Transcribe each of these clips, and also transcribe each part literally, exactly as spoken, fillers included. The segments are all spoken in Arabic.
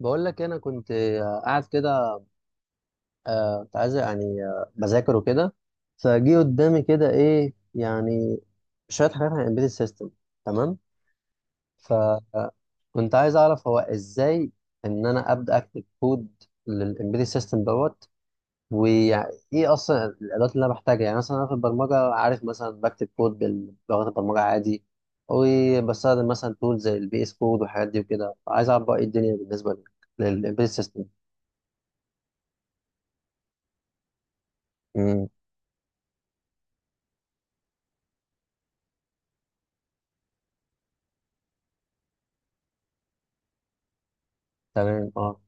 بقول لك انا كنت آه، قاعد كده. آه، كنت عايز يعني آه، بذاكر وكده. فجي قدامي كده ايه يعني شويه حاجات عن امبيدد سيستم. تمام. فكنت عايز اعرف هو ازاي ان انا ابدا اكتب كود للامبيدد سيستم دوت. وايه اصلا الادوات اللي انا بحتاجها؟ يعني مثلا انا في البرمجه عارف، مثلا بكتب كود بلغه البرمجه عادي، وبستخدم مثلا تول زي البي اس كود والحاجات دي وكده. فعايز اعرف بقى ايه الدنيا بالنسبه للامبيدد سيستم. تمام. اه.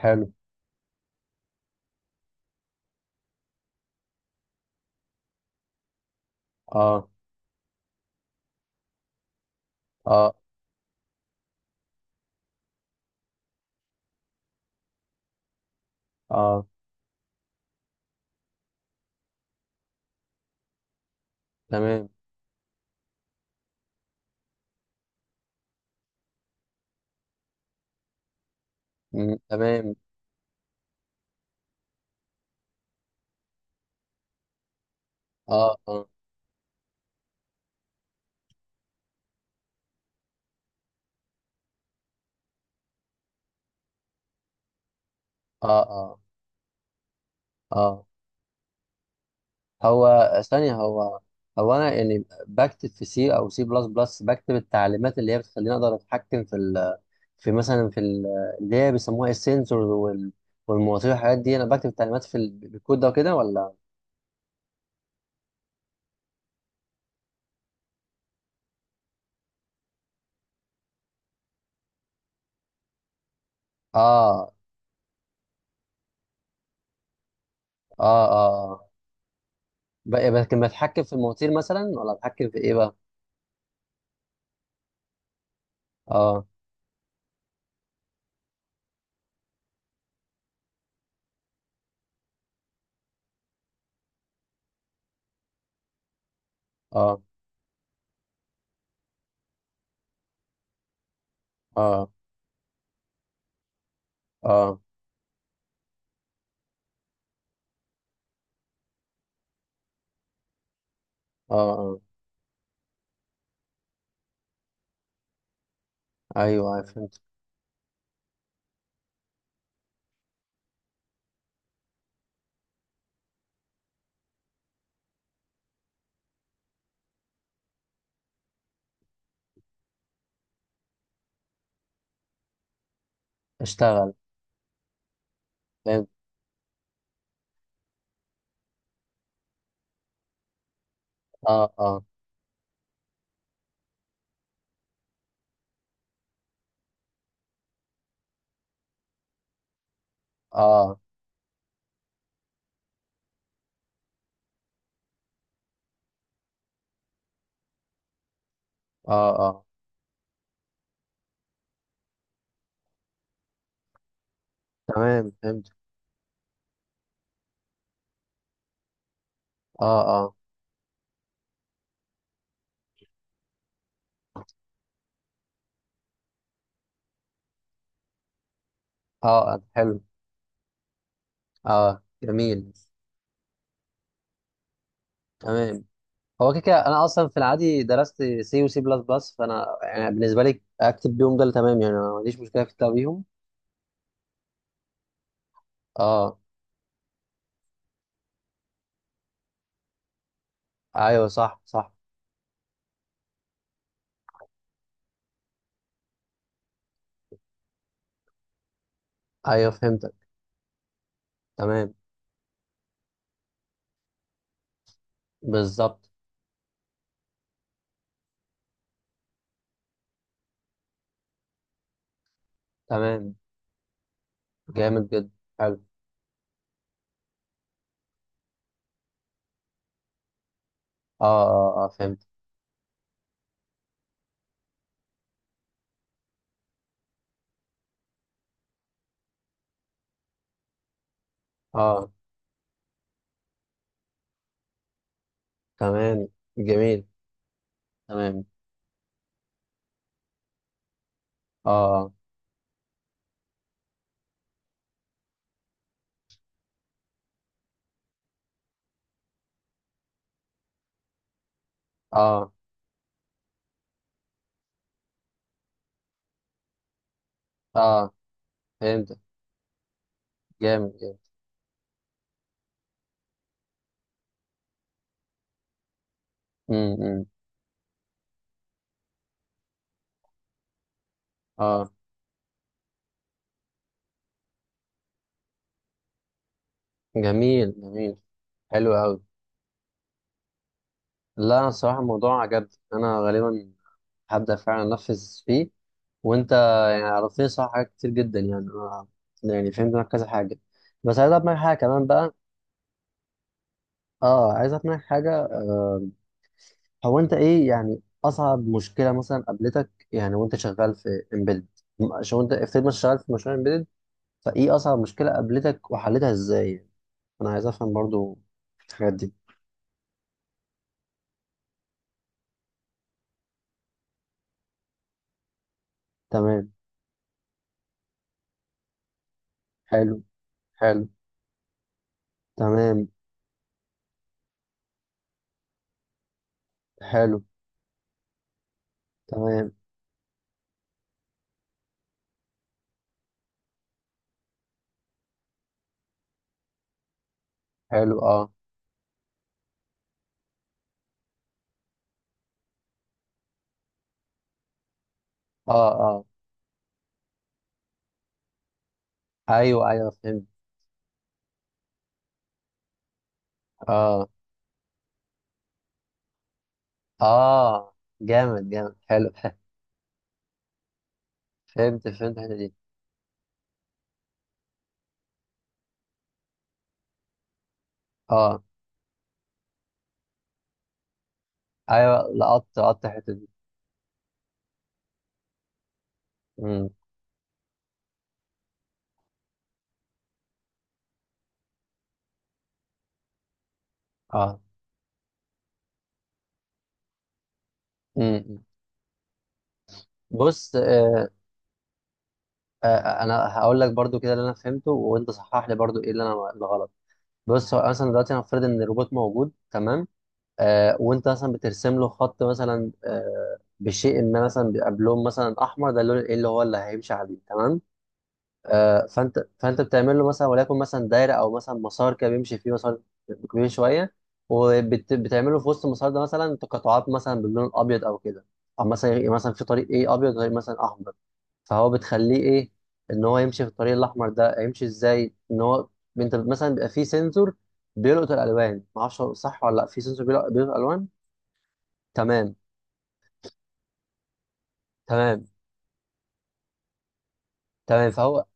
حلو. اه. اه. اه. تمام. مم، تمام. اه. اه. اه. اه. اه. هو ثانية، هو هو انا يعني بكتب في سي او سي بلس بلس، بكتب التعليمات اللي هي بتخليني اقدر اتحكم في ال في مثلا في ال اللي هي بيسموها السنسورز وال والمواطير والحاجات دي. انا بكتب التعليمات في ال- بالكود ده وكده، ولا؟ اه. اه. اه. آه. ب- لكن بتحكم في المواتير مثلا، ولا بتحكم في ايه بقى؟ اه. اه. اه. اه. اه. اه. ايوه، أيوة، فهمت. اشتغل. فهمت. اه. اه. اه. اه. اه. تمام. فهمت. اه. اه. اه. اه، حلو. اه. جميل. تمام. هو كده كده انا اصلا في العادي درست سي وسي بلس بلس، فانا يعني بالنسبه لي اكتب بيهم ده اللي تمام يعني. أنا ما عنديش مشكله في الكتاب بيهم. اه. ايوه. صح، صح. ايوه، فهمتك. تمام. بالظبط. تمام. جامد جدا. حلو. اه. اه. اه. فهمت. اه. تمام. جميل. تمام. اه. اه. اه. فهمت. جامد جامد. امم. امم. اه. جميل جميل. حلو قوي. لا، انا الصراحه الموضوع عجبني. انا غالبا هبدا فعلا انفذ فيه. وانت يعني عرفتني صح حاجات كتير جدا يعني. انا يعني فهمت منك كذا حاجه، بس عايز اعرف منك حاجه كمان بقى. اه، عايز اعرف منك حاجه. هو انت ايه يعني اصعب مشكله مثلا قابلتك، يعني وانت شغال في امبيدد؟ عشان انت افترض مثلا شغال في مشروع امبيدد، فايه اصعب مشكله قابلتك، وحلتها ازاي يعني؟ انا عايز افهم برضو الحاجات دي. تمام. حلو. حلو. تمام. حلو. تمام. حلو. اه. اه. اه. ايوه. ايوه، فهمت. اه. اه. جامد جامد. حلو. فهمت فهمت الحته دي. اه. ايوه، لقطت لقطت الحته دي. امم. اه. امم. بص. آه آه آه، انا هقول لك برضو كده اللي انا فهمته، وانت صحح لي برضو ايه اللي انا اللي غلط. بص، هو مثلا دلوقتي هنفترض ان الروبوت موجود، تمام. آه وانت مثلا بترسم له خط مثلا، آه بشيء ما، مثلا بيبقى بلون مثلا احمر. ده اللون ايه اللي هو اللي هيمشي عليه، تمام. آه فانت فانت بتعمل له مثلا، وليكن مثلا دايره او مثلا مسار كده بيمشي فيه، مسار كبير شويه. وبتعمل له في وسط المسار ده مثلا تقاطعات، مثلا باللون الابيض او كده، او مثلا مثلا في طريق ايه ابيض غير مثلا احمر. فهو بتخليه ايه؟ ان هو يمشي في الطريق الاحمر ده. هيمشي ازاي ان هو، انت مثلا بيبقى فيه سنسور بيلقط الالوان، ما اعرفش صح ولا لا؟ في سنسور بيلقط بيلقط الالوان. تمام. تمام. تمام. فهو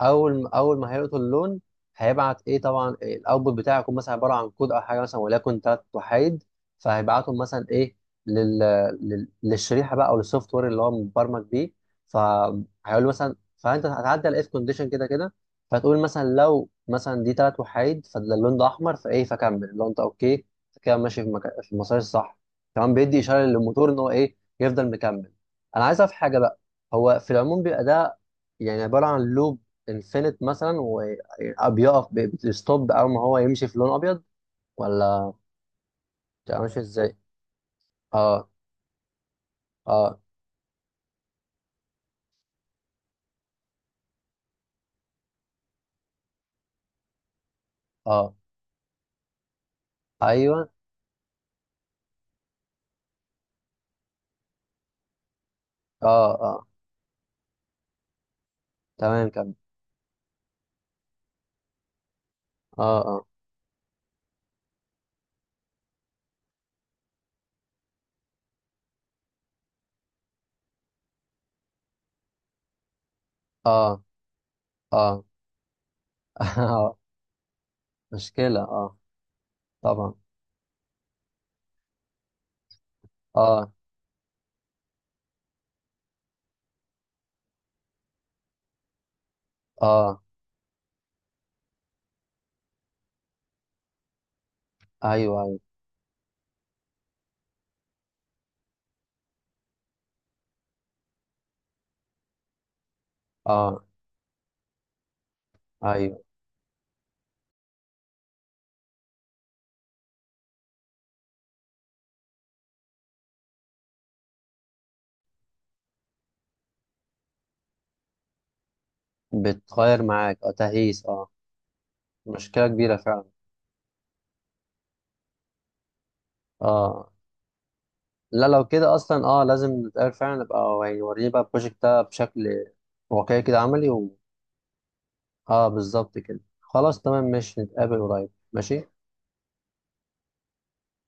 اول اول ما هيقرا اللون هيبعت ايه؟ طبعا إيه الاوتبوت بتاعه؟ يكون مثلا عباره عن كود او حاجه، مثلا وليكن ثلاث وحيد. فهيبعتهم مثلا ايه، لل... لل... للشريحه بقى، او للسوفت وير اللي هو مبرمج بيه. فهيقول له مثلا، فانت هتعدي على اف كونديشن كده كده. فتقول مثلا لو مثلا دي ثلاث وحيد، فاللون ده احمر، فايه؟ فكمل لو انت اوكي كده، ماشي في, مكان في المسار الصح. كمان بيدي اشاره للموتور ان هو ايه؟ يفضل مكمل. انا عايز اعرف حاجه بقى. هو في العموم بيبقى ده يعني عباره عن لوب الفينت مثلا، وبيقف بيستوب اول ما هو يمشي في لون ابيض، ولا بتبقى ماشي ازاي؟ اه. اه. اه. ايوه. اه. اه. تمام، كمل. اه. اه. اه. اه. آه. مشكلة. اه، طبعا. اه. اه. ايوه. ايوه. اه. ايوه، بتغير معاك. اه، تهيس. اه، مشكلة كبيرة فعلا. اه. لا، لو كده اصلا اه لازم نتقابل فعلا، نبقى يعني وريني بقى البروجكت ده بشكل واقعي كده، عملي. اه، بالظبط كده. خلاص تمام، ماشي. نتقابل قريب. ماشي.